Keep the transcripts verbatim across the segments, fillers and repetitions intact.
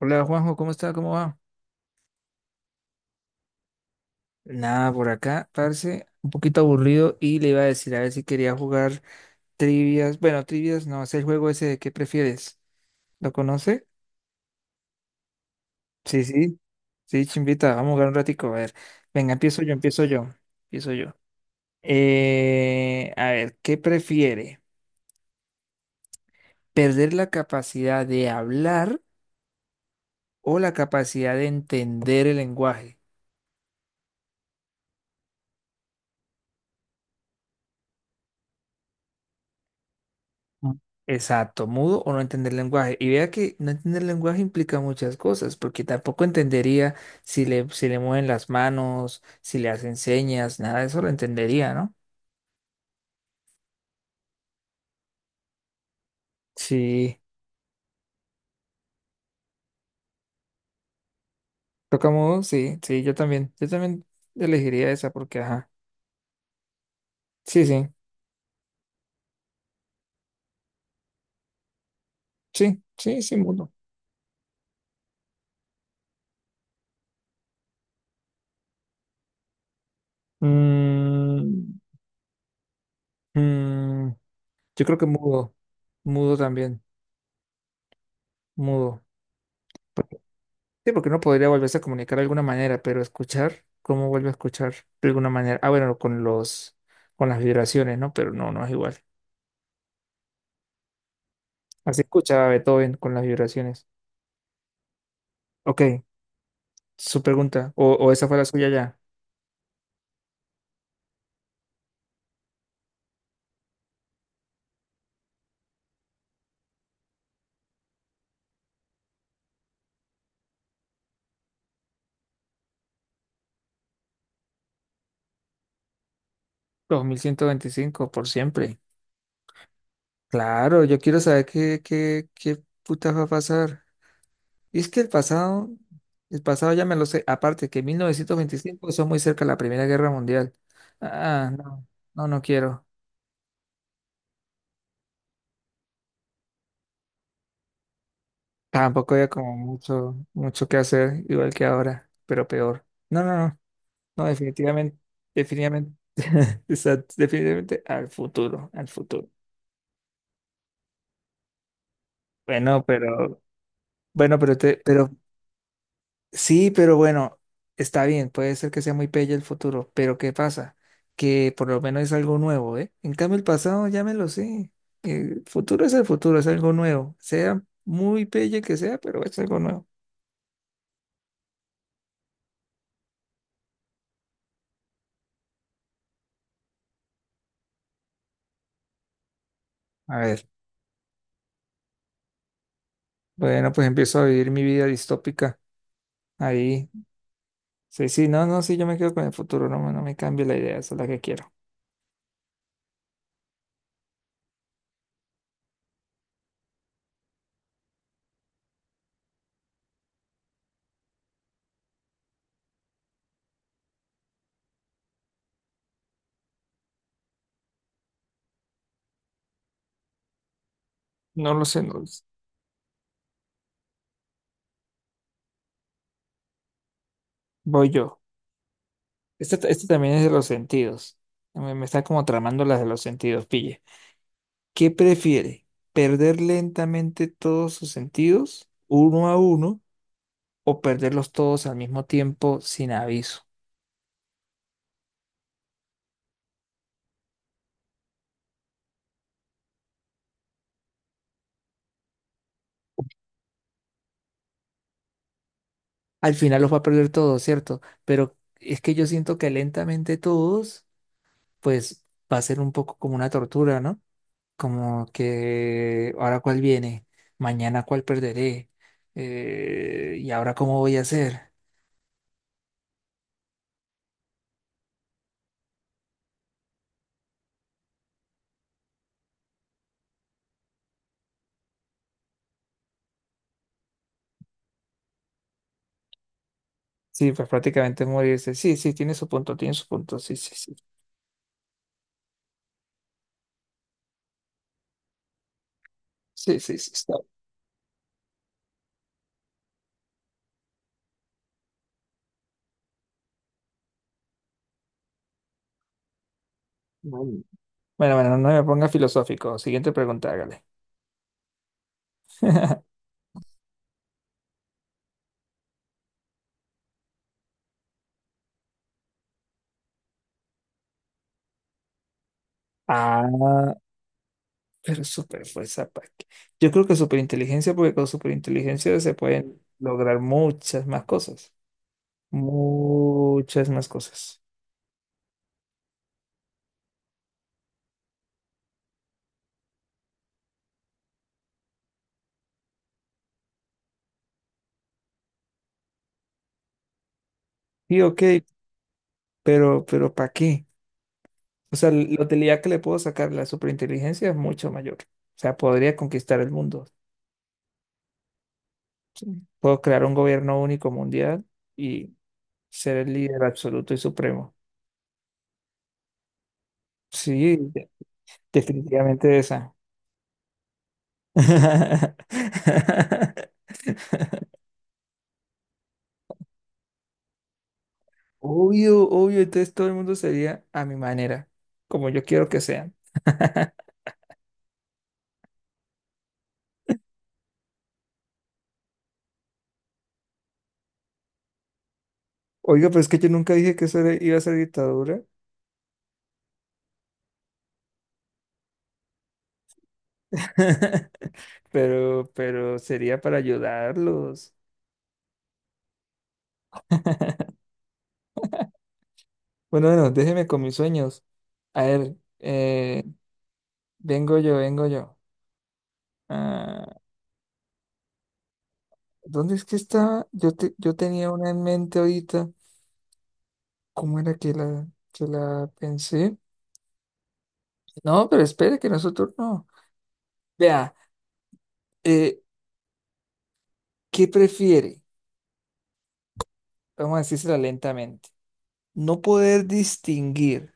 Hola Juanjo, ¿cómo está? ¿Cómo va? Nada, por acá, parce, un poquito aburrido y le iba a decir a ver si quería jugar trivias. Bueno, trivias no, es el juego ese de qué prefieres. ¿Lo conoce? Sí, sí. Sí, chimbita, vamos a jugar un ratico. A ver, venga, empiezo yo, empiezo yo, empiezo yo. Eh, a ver, ¿qué prefiere? ¿Perder la capacidad de hablar o la capacidad de entender el lenguaje? Mm. Exacto, mudo o no entender lenguaje. Y vea que no entender lenguaje implica muchas cosas, porque tampoco entendería si le, si le mueven las manos, si le hacen señas, nada de eso lo entendería, ¿no? Sí, toca mudo, sí, sí, yo también, yo también elegiría esa porque, ajá, sí, sí, sí, sí, sí, mudo. Mm, mm, yo creo que mudo, mudo también, mudo. Sí, porque no podría volverse a comunicar de alguna manera, pero escuchar, ¿cómo vuelve a escuchar de alguna manera? Ah, bueno, con los, con las vibraciones, ¿no? Pero no, no es igual. Así escuchaba Beethoven con las vibraciones. Ok, su pregunta, o, o esa fue la suya ya. Dos mil ciento veinticinco por siempre. Claro, yo quiero saber qué, qué, qué putas va a pasar. Y es que el pasado, el pasado ya me lo sé. Aparte que mil novecientos veinticinco, eso es muy cerca de la Primera Guerra Mundial. Ah, no, no, no quiero. Tampoco había como mucho, mucho que hacer, igual que ahora, pero peor. No, no, no, no, definitivamente, definitivamente, exacto, definitivamente al futuro, al futuro. Bueno, pero, bueno, pero te, pero, sí, pero bueno, está bien, puede ser que sea muy pelle el futuro, pero ¿qué pasa? Que por lo menos es algo nuevo, ¿eh? En cambio, el pasado ya me lo sé. El futuro es el futuro, es algo nuevo. Sea muy pelle que sea, pero es algo nuevo. A ver, bueno, pues empiezo a vivir mi vida distópica ahí. Sí, sí, no, no, sí, yo me quedo con el futuro, no, me- no me cambio la idea, esa es la que quiero. No lo sé, no lo sé. Voy yo. Este, ta- este también es de los sentidos. Me, me está como tramando las de los sentidos, pille. ¿Qué prefiere? ¿Perder lentamente todos sus sentidos, uno a uno, o perderlos todos al mismo tiempo sin aviso? Al final los va a perder todos, ¿cierto? Pero es que yo siento que lentamente todos, pues va a ser un poco como una tortura, ¿no? Como que ahora cuál viene, mañana cuál perderé, eh, y ahora cómo voy a hacer. Sí, pues prácticamente morirse. Sí, sí, tiene su punto, tiene su punto. Sí, sí, sí. Sí, sí, sí, está. Bueno, bueno, bueno, no me ponga filosófico. Siguiente pregunta, hágale. Ah, pero super fuerza, ¿para qué? Yo creo que superinteligencia, porque con superinteligencia se pueden lograr muchas más cosas. Muchas más cosas. Sí, ok, pero, pero ¿para qué? O sea, la utilidad que le puedo sacar a la superinteligencia es mucho mayor. O sea, podría conquistar el mundo. ¿Sí? Puedo crear un gobierno único mundial y ser el líder absoluto y supremo. Sí, de- Definitivamente esa. Obvio, obvio, entonces todo el mundo sería a mi manera, como yo quiero que sean. Oiga, pero es que yo nunca dije que eso era- iba a ser dictadura. Pero, pero sería para ayudarlos. Bueno, bueno, déjeme con mis sueños. A ver, eh, vengo yo, vengo yo. Ah, ¿dónde es que estaba? Yo, te- yo tenía una en mente ahorita. ¿Cómo era que la, que la pensé? No, pero espere que nosotros no. Vea, eh, ¿qué prefiere? Vamos a decírsela lentamente. No poder distinguir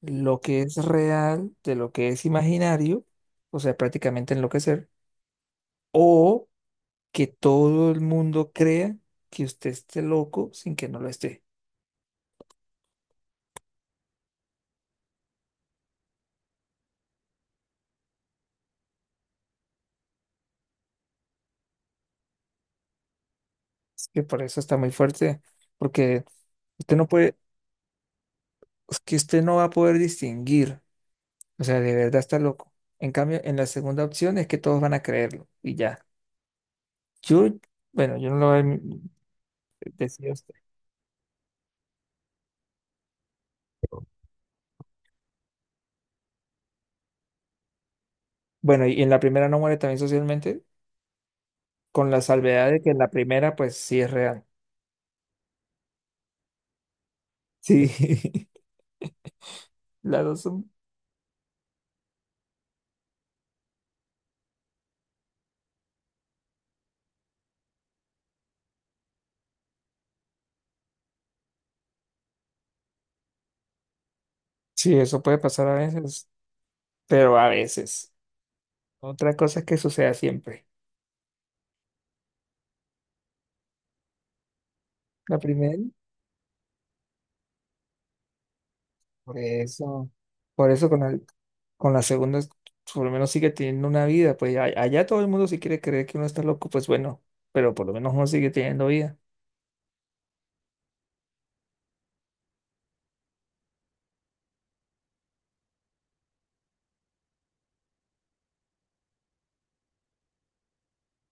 lo que es real de lo que es imaginario, o sea, prácticamente enloquecer, o que todo el mundo crea que usted esté loco sin que no lo esté. Es que por eso está muy fuerte, porque usted no puede, es que usted no va a poder distinguir, o sea, de verdad está loco. En cambio, en la segunda opción es que todos van a creerlo y ya. Yo, bueno, yo no lo voy a decir a usted. Bueno, y en la primera no muere también socialmente, con la salvedad de que en la primera, pues sí es real. Sí, las dos son. Sí, eso puede pasar a veces, pero a veces. Otra cosa es que suceda siempre. La primera, por eso, por eso con, el- con la segunda, es- por lo menos sigue teniendo una vida. Pues a- allá todo el mundo si quiere creer que uno está loco, pues bueno, pero por lo menos uno sigue teniendo vida.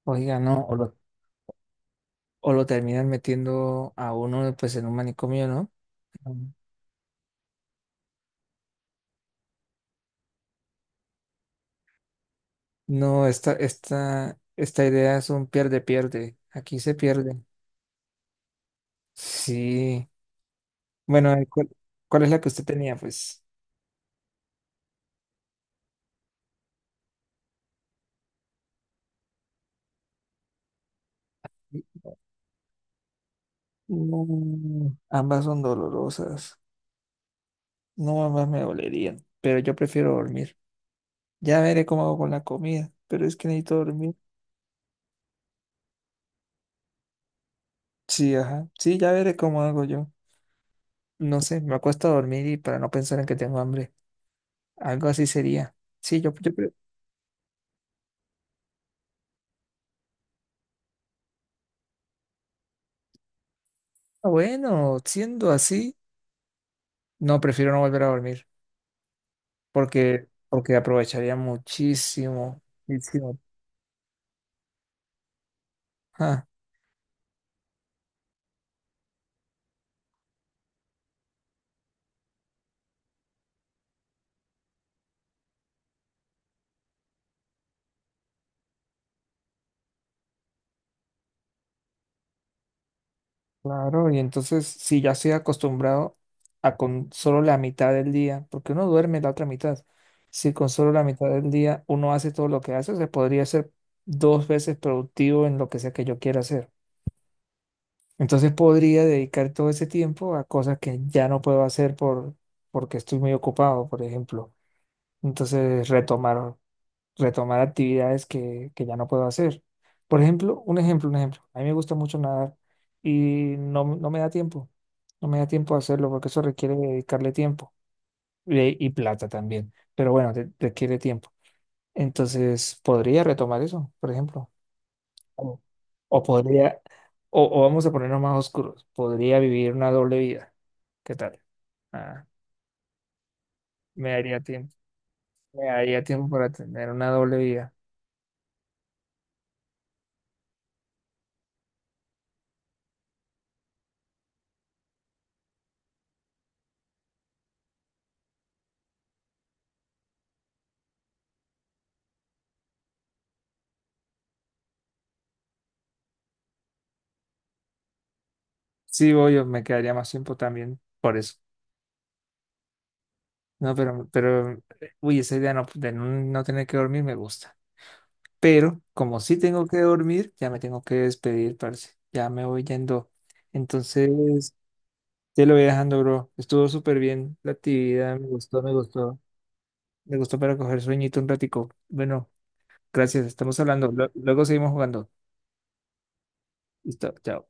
Oiga, no, o lo, o lo terminan metiendo a uno pues en un manicomio, ¿no? Mm. No, esta, esta, esta idea es un pierde, pierde. Aquí se pierde. Sí. Bueno, ¿y ¿cuál, ¿cuál es la que usted tenía? Pues mm, ambas son dolorosas. No, más me dolerían, pero yo prefiero dormir. Ya veré cómo hago con la comida, pero es que necesito dormir. Sí, ajá. Sí, ya veré cómo hago yo. No sé, me acuesto a dormir y para no pensar en que tengo hambre. Algo así sería. Sí, yo, yo pre- Ah, bueno, siendo así, no, prefiero no volver a dormir porque porque aprovecharía muchísimo, muchísimo. Claro, y entonces si ya estoy acostumbrado a con solo la mitad del día, porque uno duerme la otra mitad, si con solo la mitad del día uno hace todo lo que hace, se podría ser dos veces productivo en lo que sea que yo quiera hacer. Entonces podría dedicar todo ese tiempo a cosas que ya no puedo hacer por, porque estoy muy ocupado, por ejemplo. Entonces retomar retomar actividades que, que ya no puedo hacer. Por ejemplo, un ejemplo, un ejemplo. A mí me gusta mucho nadar y no, no me da tiempo. No me da tiempo a hacerlo porque eso requiere dedicarle tiempo eh, y, plata también. Pero bueno, re- requiere tiempo. Entonces, podría retomar eso, por ejemplo. O, o podría, o, o vamos a ponernos más oscuros. Podría vivir una doble vida. ¿Qué tal? Ah, me daría tiempo. Me daría tiempo para tener una doble vida. Sí, voy, me quedaría más tiempo también por eso. No, pero, pero, eh, uy, esa idea no, de no no tener que dormir me gusta. Pero como sí tengo que dormir, ya me tengo que despedir, parce. Ya me voy yendo. Entonces, te lo voy dejando, bro. Estuvo súper bien la actividad, me gustó, me gustó. Me gustó para coger sueñito un ratico. Bueno, gracias, estamos hablando. Lue- Luego seguimos jugando. Listo, chao.